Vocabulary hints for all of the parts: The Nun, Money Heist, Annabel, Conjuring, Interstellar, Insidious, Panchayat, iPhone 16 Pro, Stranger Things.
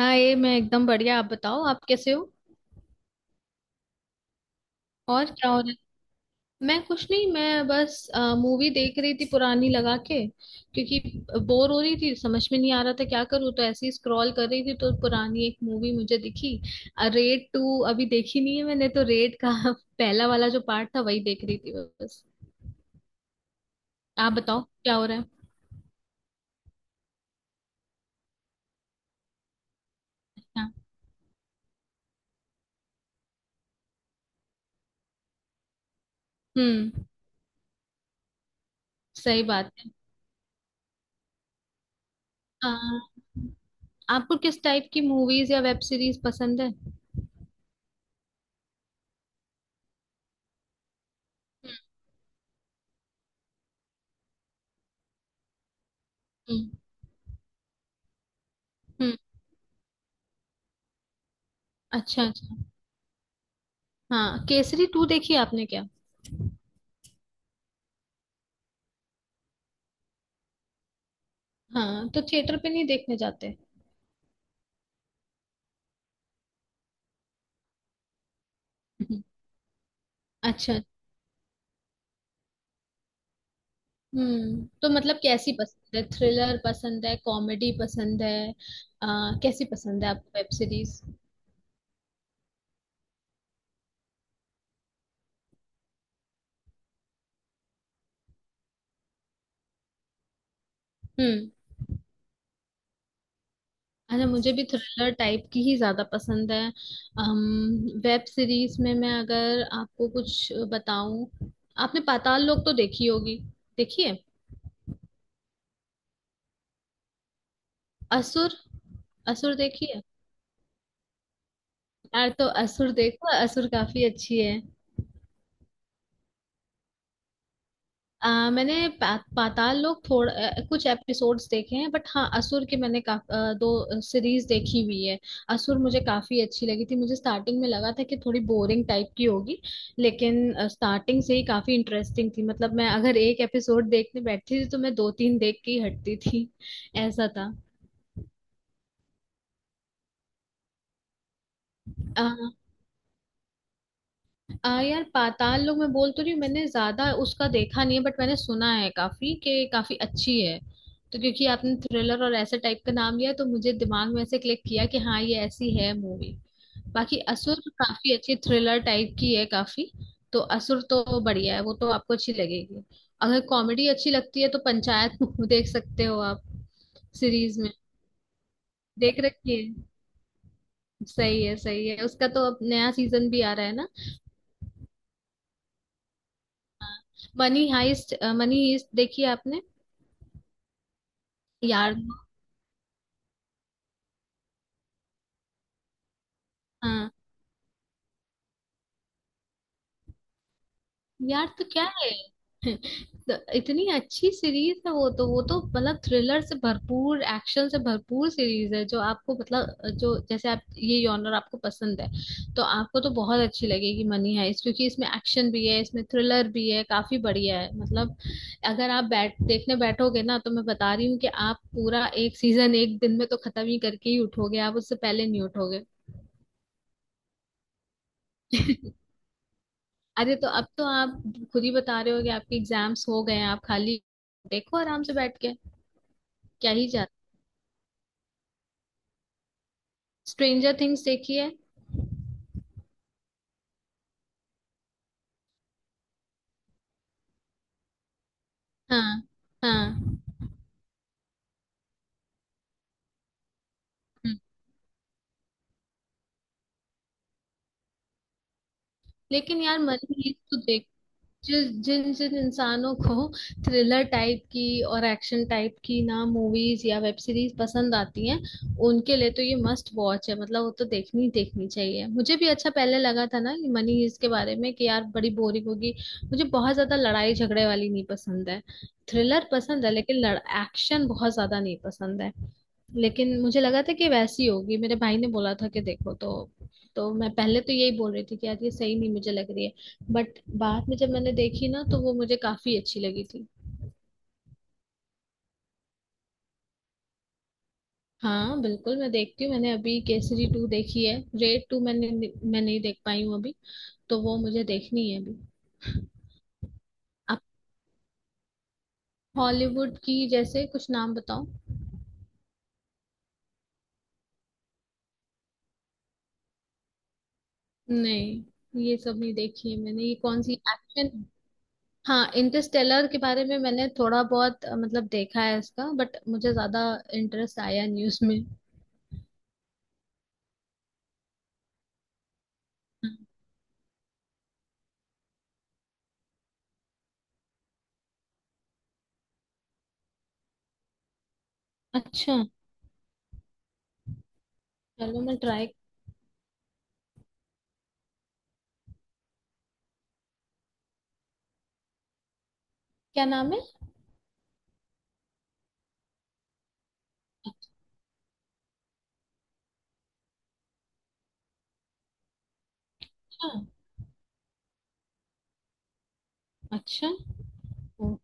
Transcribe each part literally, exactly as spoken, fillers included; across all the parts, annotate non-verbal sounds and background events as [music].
हाँ, ये मैं एकदम बढ़िया। आप बताओ आप कैसे हो। और क्या हो रहा है। मैं कुछ नहीं, मैं बस मूवी देख रही थी पुरानी लगा के, क्योंकि बोर हो रही थी, समझ में नहीं आ रहा था क्या करूँ, तो ऐसे ही स्क्रॉल कर रही थी, तो पुरानी एक मूवी मुझे दिखी। रेड टू अभी देखी नहीं है मैंने, तो रेड का [laughs] पहला वाला जो पार्ट था वही देख रही थी बस। आप बताओ क्या हो रहा है। हाँ। हम्म। सही बात है। आ, आपको किस टाइप की मूवीज या वेब सीरीज पसंद है। हम्म। हम्म। हम्म। अच्छा अच्छा। हाँ, केसरी टू देखी आपने क्या। हाँ, तो थिएटर पे नहीं देखने जाते। हम्म। अच्छा। हम्म, तो मतलब कैसी पसंद है, थ्रिलर पसंद है, कॉमेडी पसंद है। आ, कैसी पसंद है आपको वेब सीरीज। हम्म। अच्छा, मुझे भी थ्रिलर टाइप की ही ज्यादा पसंद है। अम, वेब सीरीज में मैं अगर आपको कुछ बताऊं, आपने पाताल लोक तो देखी होगी। देखिए, असुर। असुर देखी है। यार, तो असुर देखो, असुर काफी अच्छी है। आ, मैंने पा, पाताल लोक थोड़ा अ, कुछ एपिसोड्स देखे हैं, बट हाँ असुर के मैंने का, अ, दो सीरीज देखी हुई है। असुर मुझे काफी अच्छी लगी थी। मुझे स्टार्टिंग में लगा था कि थोड़ी बोरिंग टाइप की होगी, लेकिन स्टार्टिंग से ही काफी इंटरेस्टिंग थी। मतलब मैं अगर एक एपिसोड देखने बैठती थी, तो मैं दो तीन देख के ही हटती थी, ऐसा था। आ यार, पाताल लोक मैं बोल तो रही हूँ, मैंने ज्यादा उसका देखा नहीं है, बट मैंने सुना है काफी कि काफी अच्छी है। तो क्योंकि आपने थ्रिलर और ऐसे टाइप का नाम लिया, तो मुझे दिमाग में ऐसे क्लिक किया कि हाँ, ये ऐसी है मूवी। बाकी असुर तो काफी अच्छी थ्रिलर टाइप की है काफी। तो असुर तो बढ़िया है, वो तो आपको अच्छी लगेगी। अगर कॉमेडी अच्छी लगती है तो पंचायत [laughs] देख सकते हो आप। सीरीज में देख रखी है। सही है, सही है। उसका तो अब नया सीजन भी आ रहा है ना। Money Heist. मनी हाइस्ट देखी है आपने। यार। हाँ। यार, तो क्या है। [laughs] तो इतनी अच्छी सीरीज है वो, तो वो तो मतलब थ्रिलर से भरपूर, एक्शन से भरपूर सीरीज है, जो आपको मतलब जो जैसे आप, ये जॉनर आपको पसंद है, तो आपको तो बहुत अच्छी लगेगी मनी हाइस्ट, क्योंकि इसमें एक्शन भी है, इसमें थ्रिलर भी है, काफी बढ़िया है मतलब। अगर आप बैठ देखने बैठोगे ना, तो मैं बता रही हूँ कि आप पूरा एक सीजन एक दिन में तो खत्म ही करके ही उठोगे, आप उससे पहले नहीं उठोगे। अरे, तो अब तो आप खुद ही बता रहे हो कि आपके एग्जाम्स हो गए हैं, आप खाली। देखो आराम से बैठ के। क्या ही जाता। स्ट्रेंजर थिंग्स देखी है। हाँ, हाँ। हम्म। लेकिन यार मनी हाइस्ट तो जिस जिन जिन इंसानों को थ्रिलर टाइप की और एक्शन टाइप की ना मूवीज या वेब सीरीज पसंद आती हैं, उनके लिए तो ये मस्ट वॉच है। मतलब वो तो देखनी ही देखनी चाहिए। मुझे भी अच्छा पहले लगा था ना ये मनी हीस्ट के बारे में कि यार बड़ी बोरिंग होगी। मुझे बहुत ज्यादा लड़ाई झगड़े वाली नहीं पसंद है। थ्रिलर पसंद है, लेकिन लड़ एक्शन बहुत ज्यादा नहीं पसंद है। लेकिन मुझे लगा था कि वैसी होगी, मेरे भाई ने बोला था कि देखो तो। तो मैं पहले तो यही बोल रही थी कि यार ये सही नहीं मुझे लग रही है, बट बाद में जब मैंने देखी ना तो वो मुझे काफी अच्छी लगी थी। हाँ बिल्कुल मैं देखती हूँ। मैंने अभी केसरी टू देखी है। रेड टू मैंने मैं नहीं देख पाई हूँ अभी, तो वो मुझे देखनी है अभी। आप हॉलीवुड की जैसे कुछ नाम बताओ। नहीं, ये सब नहीं देखी है मैंने, ये कौन सी एक्शन। हाँ, इंटरस्टेलर के बारे में मैंने थोड़ा बहुत अ, मतलब देखा है इसका, बट मुझे ज्यादा इंटरेस्ट आया नहीं उसमें। अच्छा, चलो मैं ट्राई। क्या नाम है। अच्छा। अच्छा। ओ।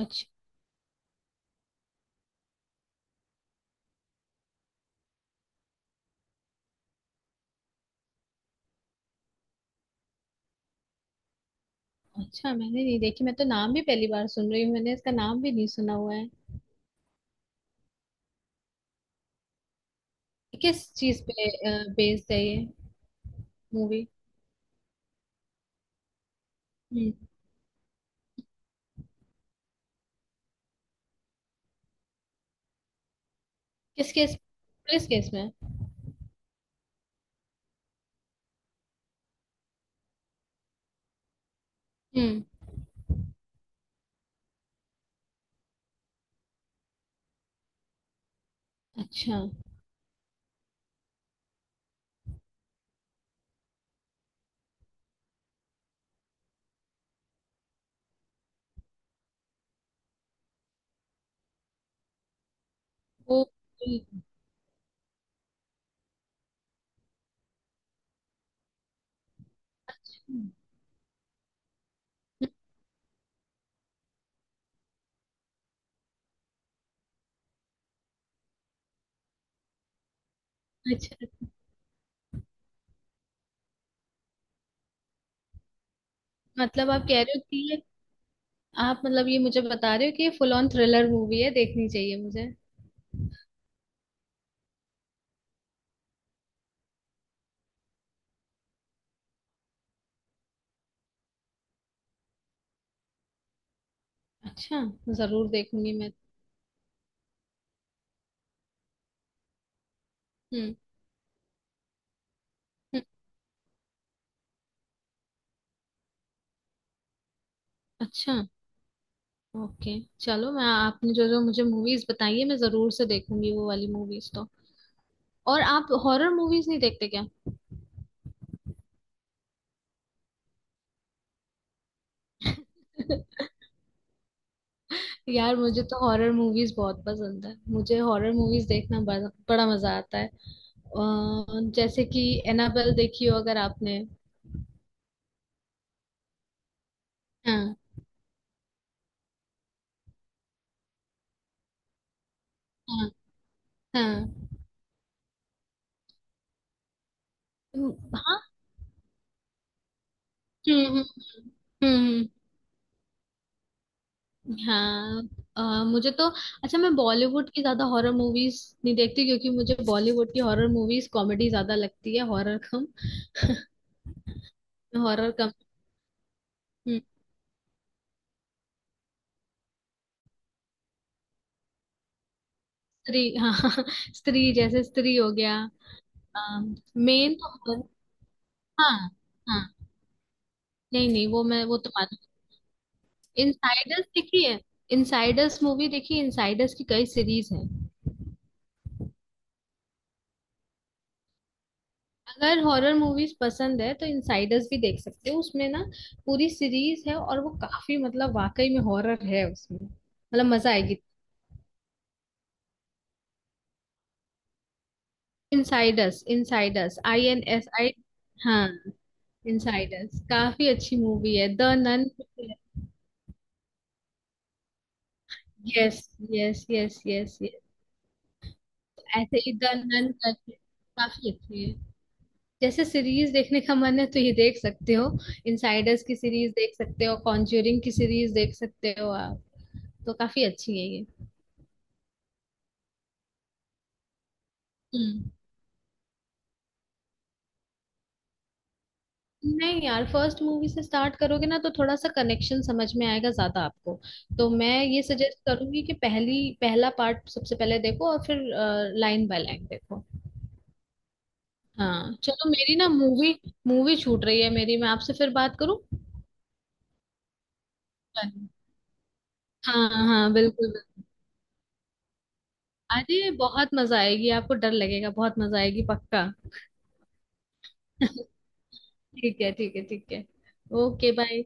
अच्छा। अच्छा, मैंने नहीं देखी। मैं तो नाम भी पहली बार सुन रही हूँ, मैंने इसका नाम भी नहीं सुना हुआ है। किस चीज पे बेस्ड है ये मूवी। हम्म। किस केस, पुलिस केस में। हम्म। अच्छा, वो अच्छा। हम्म। अच्छा, मतलब आप कह रहे हो कि ये आप मतलब, ये मुझे बता रहे हो कि ये फुल ऑन थ्रिलर मूवी है, देखनी चाहिए मुझे। अच्छा, जरूर देखूंगी मैं। हम्म। हम्म। अच्छा। ओके चलो, मैं आपने जो जो मुझे मूवीज बताई है मैं जरूर से देखूंगी वो वाली मूवीज तो। और आप हॉरर मूवीज नहीं देखते क्या। [laughs] यार, मुझे तो हॉरर मूवीज बहुत पसंद है, मुझे हॉरर मूवीज देखना बड़ा, बड़ा मजा आता है। अ, जैसे कि एनाबेल देखी हो अगर आपने। हाँ, हाँ। हाँ। हम्म, हाँ। हम्म, हम्म। हम्म, हम्म। हाँ। अ, मुझे तो अच्छा, मैं बॉलीवुड की ज्यादा हॉरर मूवीज नहीं देखती, क्योंकि मुझे बॉलीवुड की हॉरर मूवीज कॉमेडी ज्यादा लगती है, हॉरर कम। [laughs] हॉरर कम। हम्म। स्त्री, हाँ हाँ, स्त्री जैसे, स्त्री हो गया। मेन तो horror-। हाँ। हाँ। नहीं नहीं, वो मैं वो तो मानू। इनसाइडर्स देखी है, इनसाइडर्स मूवी देखी, इनसाइडर्स की कई सीरीज है। अगर हॉरर मूवीज पसंद है तो इनसाइडर्स भी देख सकते हो उसमें ना। पूरी सीरीज है और वो काफी मतलब वाकई में हॉरर है, उसमें मतलब मजा आएगी। Insiders, insiders, I N S I. हाँ। इनसाइडर्स काफी अच्छी मूवी है, the nun. Yes, yes yes yes yes. ऐसे ही द नन करके काफी अच्छी है। जैसे सीरीज देखने का मन है तो ये देख सकते हो। इनसाइडर्स की सीरीज देख सकते हो, कॉन्ज्यूरिंग की सीरीज देख सकते हो आप, तो काफी अच्छी है ये। हम्म। नहीं यार, फर्स्ट मूवी से स्टार्ट करोगे ना तो थोड़ा सा कनेक्शन समझ में आएगा ज्यादा आपको। तो मैं ये सजेस्ट करूंगी कि पहली पहला पार्ट सबसे पहले देखो और फिर लाइन बाय लाइन देखो। हाँ चलो, मेरी ना मूवी मूवी छूट रही है मेरी, मैं आपसे फिर बात करूं। चलो। हाँ हाँ बिल्कुल बिल्कुल। अरे बहुत मजा आएगी आपको, डर लगेगा, बहुत मजा आएगी पक्का। ठीक है ठीक है ठीक है। Okay, bye.